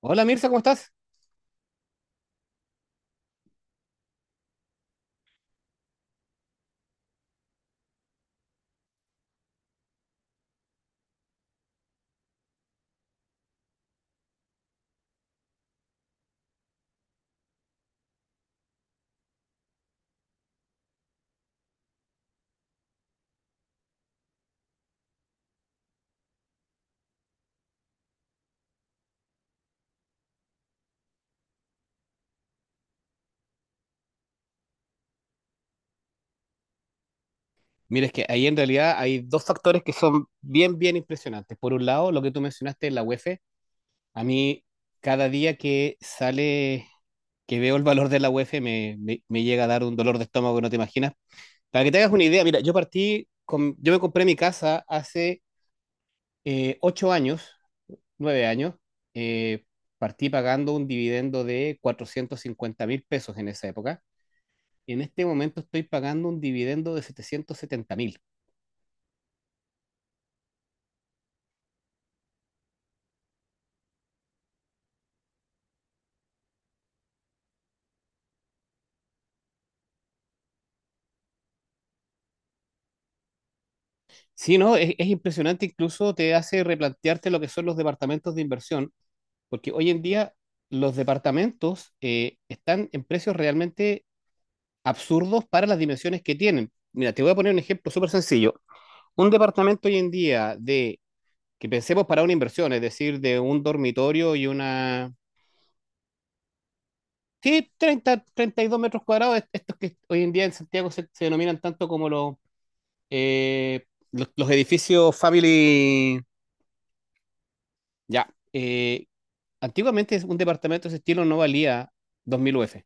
Hola Mirza, ¿cómo estás? Mira, es que ahí en realidad hay dos factores que son bien, bien impresionantes. Por un lado, lo que tú mencionaste, la UEF, a mí cada día que sale que veo el valor de la UEF me llega a dar un dolor de estómago que no te imaginas. Para que te hagas una idea, mira, yo partí, con, yo me compré mi casa hace ocho años, nueve años, eh, partí pagando un dividendo de 450.000 pesos en esa época. Y en este momento estoy pagando un dividendo de 770.000. Sí, no, es impresionante, incluso te hace replantearte lo que son los departamentos de inversión, porque hoy en día los departamentos están en precios realmente absurdos para las dimensiones que tienen. Mira, te voy a poner un ejemplo súper sencillo. Un departamento hoy en día de, que pensemos para una inversión, es decir, de un dormitorio y una... Sí, treinta y dos metros cuadrados, estos que hoy en día en Santiago se, se denominan tanto como eh, los edificios family... Ya, antiguamente un departamento de ese estilo no valía 2.000 UF.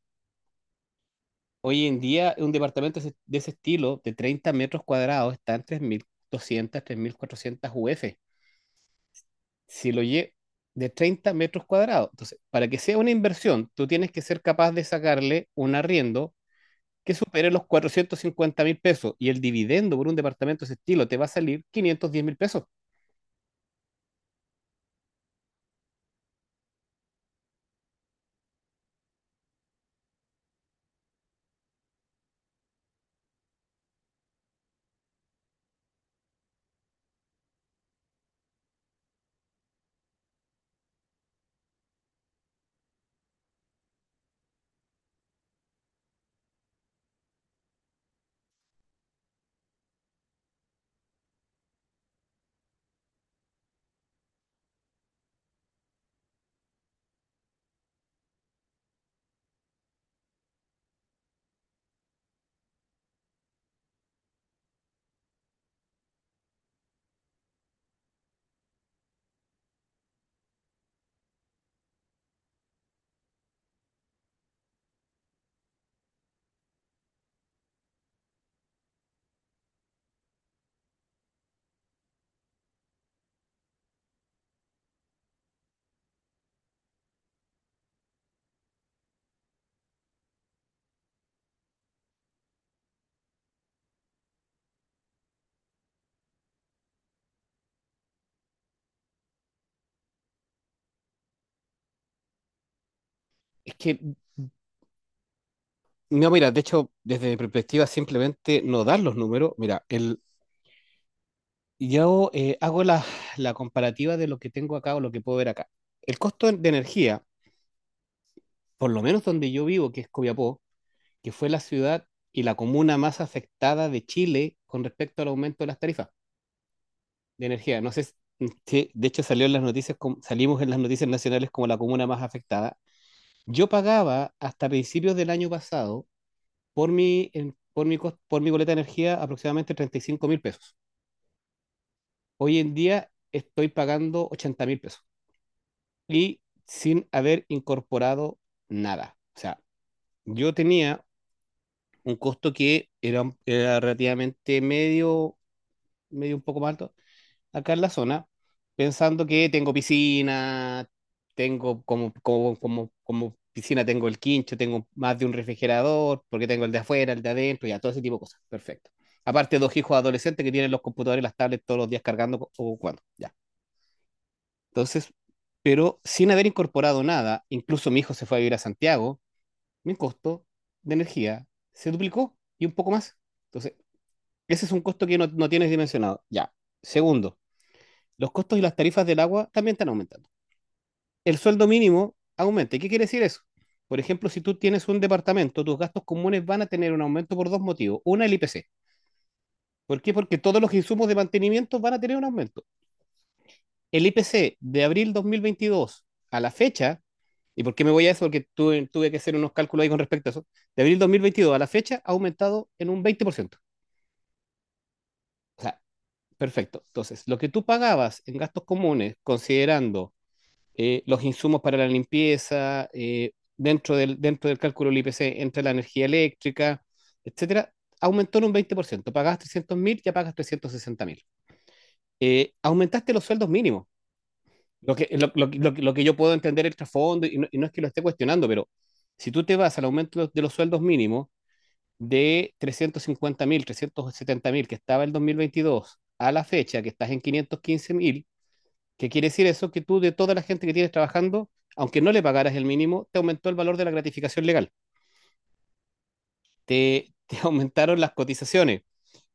Hoy en día, un departamento de ese estilo, de 30 metros cuadrados, está en 3.200, 3.400 UF. Si lo lle de 30 metros cuadrados. Entonces, para que sea una inversión, tú tienes que ser capaz de sacarle un arriendo que supere los 450.000 pesos y el dividendo por un departamento de ese estilo te va a salir 510.000 pesos. Es que, no, mira, de hecho, desde mi perspectiva, simplemente no dar los números. Mira, yo hago la, la comparativa de lo que tengo acá o lo que puedo ver acá. El costo de energía, por lo menos donde yo vivo, que es Copiapó, que fue la ciudad y la comuna más afectada de Chile con respecto al aumento de las tarifas de energía. Si, de hecho, salió en las noticias, salimos en las noticias nacionales como la comuna más afectada. Yo pagaba hasta principios del año pasado por mi boleta de energía aproximadamente 35 mil pesos. Hoy en día estoy pagando 80 mil pesos, y sin haber incorporado nada. O sea, yo tenía un costo que era, era relativamente medio, medio un poco más alto acá en la zona, pensando que tengo piscina, tengo como piscina, tengo el quincho, tengo más de un refrigerador, porque tengo el de afuera, el de adentro, ya, todo ese tipo de cosas. Perfecto. Aparte, dos hijos adolescentes que tienen los computadores y las tablets todos los días cargando o jugando. Ya. Entonces, pero sin haber incorporado nada, incluso mi hijo se fue a vivir a Santiago, mi costo de energía se duplicó y un poco más. Entonces, ese es un costo que no, no tienes dimensionado. Ya. Segundo, los costos y las tarifas del agua también están aumentando. El sueldo mínimo aumenta. ¿Y qué quiere decir eso? Por ejemplo, si tú tienes un departamento, tus gastos comunes van a tener un aumento por dos motivos. Una, el IPC. ¿Por qué? Porque todos los insumos de mantenimiento van a tener un aumento. El IPC de abril 2022 a la fecha. ¿Y por qué me voy a eso? Porque tuve que hacer unos cálculos ahí con respecto a eso. De abril 2022 a la fecha ha aumentado en un 20%. O sea, perfecto. Entonces, lo que tú pagabas en gastos comunes, considerando los insumos para la limpieza, dentro del cálculo del IPC, entre la energía eléctrica, etcétera, aumentó en un 20%. Pagabas 300 mil, ya pagas 360 mil. Aumentaste los sueldos mínimos. Lo que yo puedo entender el trasfondo, y no es que lo esté cuestionando, pero si tú te vas al aumento de los sueldos mínimos de 350.000, 370.000 que estaba el 2022 a la fecha que estás en 515.000, ¿qué quiere decir eso? Que tú, de toda la gente que tienes trabajando, aunque no le pagaras el mínimo, te aumentó el valor de la gratificación legal, te aumentaron las cotizaciones,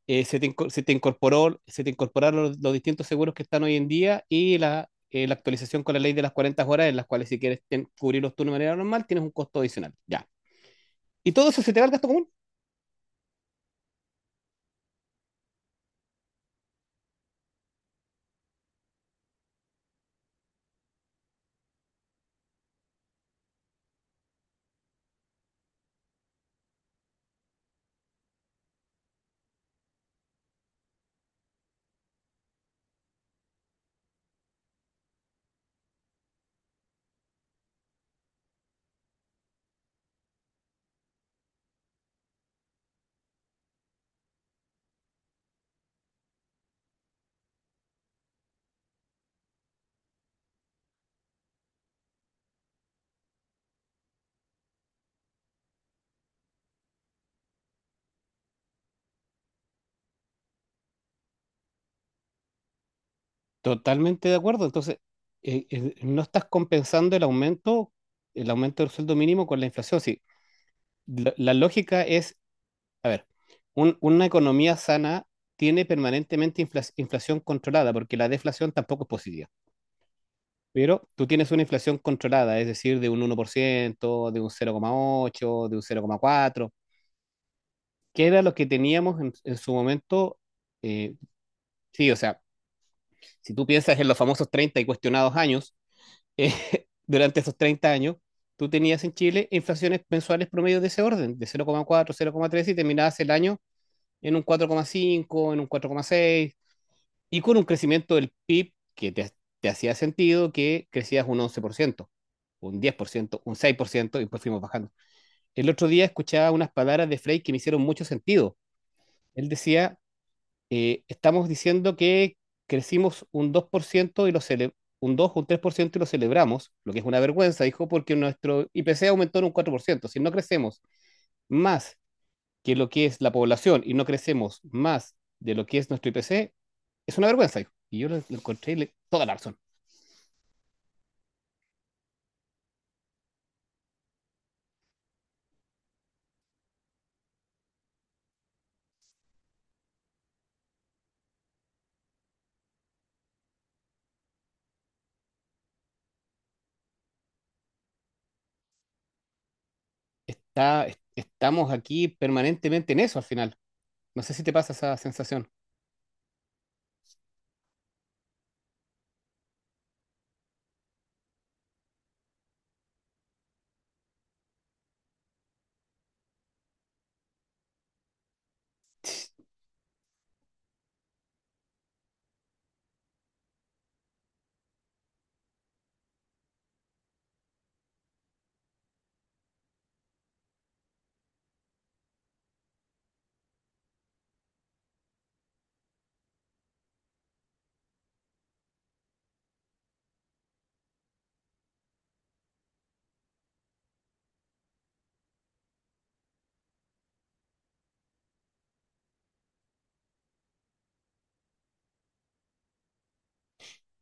se te incorporó, se te incorporaron los distintos seguros que están hoy en día y la, la actualización con la ley de las 40 horas, en las cuales si quieres cubrirlos tú de manera normal, tienes un costo adicional. Ya. ¿Y todo eso se te va al gasto común? Totalmente de acuerdo. Entonces, no estás compensando el aumento del sueldo mínimo con la inflación. Sí, la lógica es, a ver, una economía sana tiene permanentemente inflación controlada, porque la deflación tampoco es positiva. Pero tú tienes una inflación controlada, es decir, de un uno por ciento, de un cero coma ocho, de un cero coma cuatro, que era lo que teníamos en su momento. eh, sí, o sea, si tú piensas en los famosos 30 y cuestionados años, eh, durante esos 30 años, tú tenías en Chile inflaciones mensuales promedio de ese orden, de cero cero coma cuatro cero coma tres y terminabas el año en un cuatro coma cinco, en un cuatro coma seis, y con un crecimiento del PIB que te hacía sentido que crecías un 11%, un 10%, un 6%, y pues fuimos bajando. El otro día escuchaba unas palabras de Frey que me hicieron mucho sentido. Él decía, estamos diciendo que crecimos un 2% y un 2 o un 3% y lo celebramos, lo que es una vergüenza, dijo, porque nuestro IPC aumentó en un 4%. Si no crecemos más que lo que es la población y no crecemos más de lo que es nuestro IPC, es una vergüenza, dijo. Y yo lo encontré y toda la razón. Estamos aquí permanentemente en eso al final. No sé si te pasa esa sensación.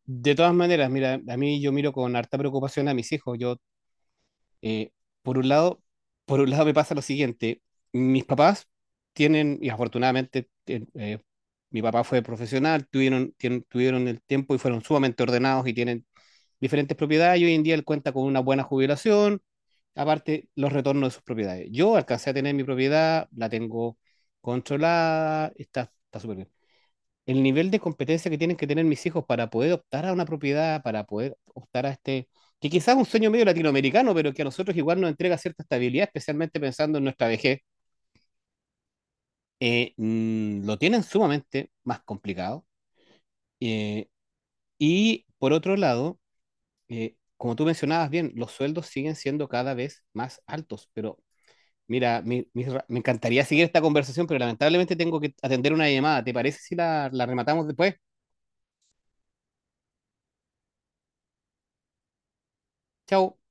De todas maneras, mira, a mí yo miro con harta preocupación a mis hijos. Yo, eh, por un lado, por un lado me pasa lo siguiente. Mis papás tienen, y afortunadamente, mi papá fue profesional, tuvieron, tuvieron el tiempo y fueron sumamente ordenados y tienen diferentes propiedades y hoy en día él cuenta con una buena jubilación, aparte los retornos de sus propiedades. Yo alcancé a tener mi propiedad, la tengo controlada, está, está súper bien. El nivel de competencia que tienen que tener mis hijos para poder optar a una propiedad, para poder optar a este, que quizás es un sueño medio latinoamericano, pero que a nosotros igual nos entrega cierta estabilidad, especialmente pensando en nuestra vejez, lo tienen sumamente más complicado. Eh, y por otro lado, como tú mencionabas bien, los sueldos siguen siendo cada vez más altos, pero. Mira, me encantaría seguir esta conversación, pero lamentablemente tengo que atender una llamada. ¿Te parece si la rematamos después? Chao.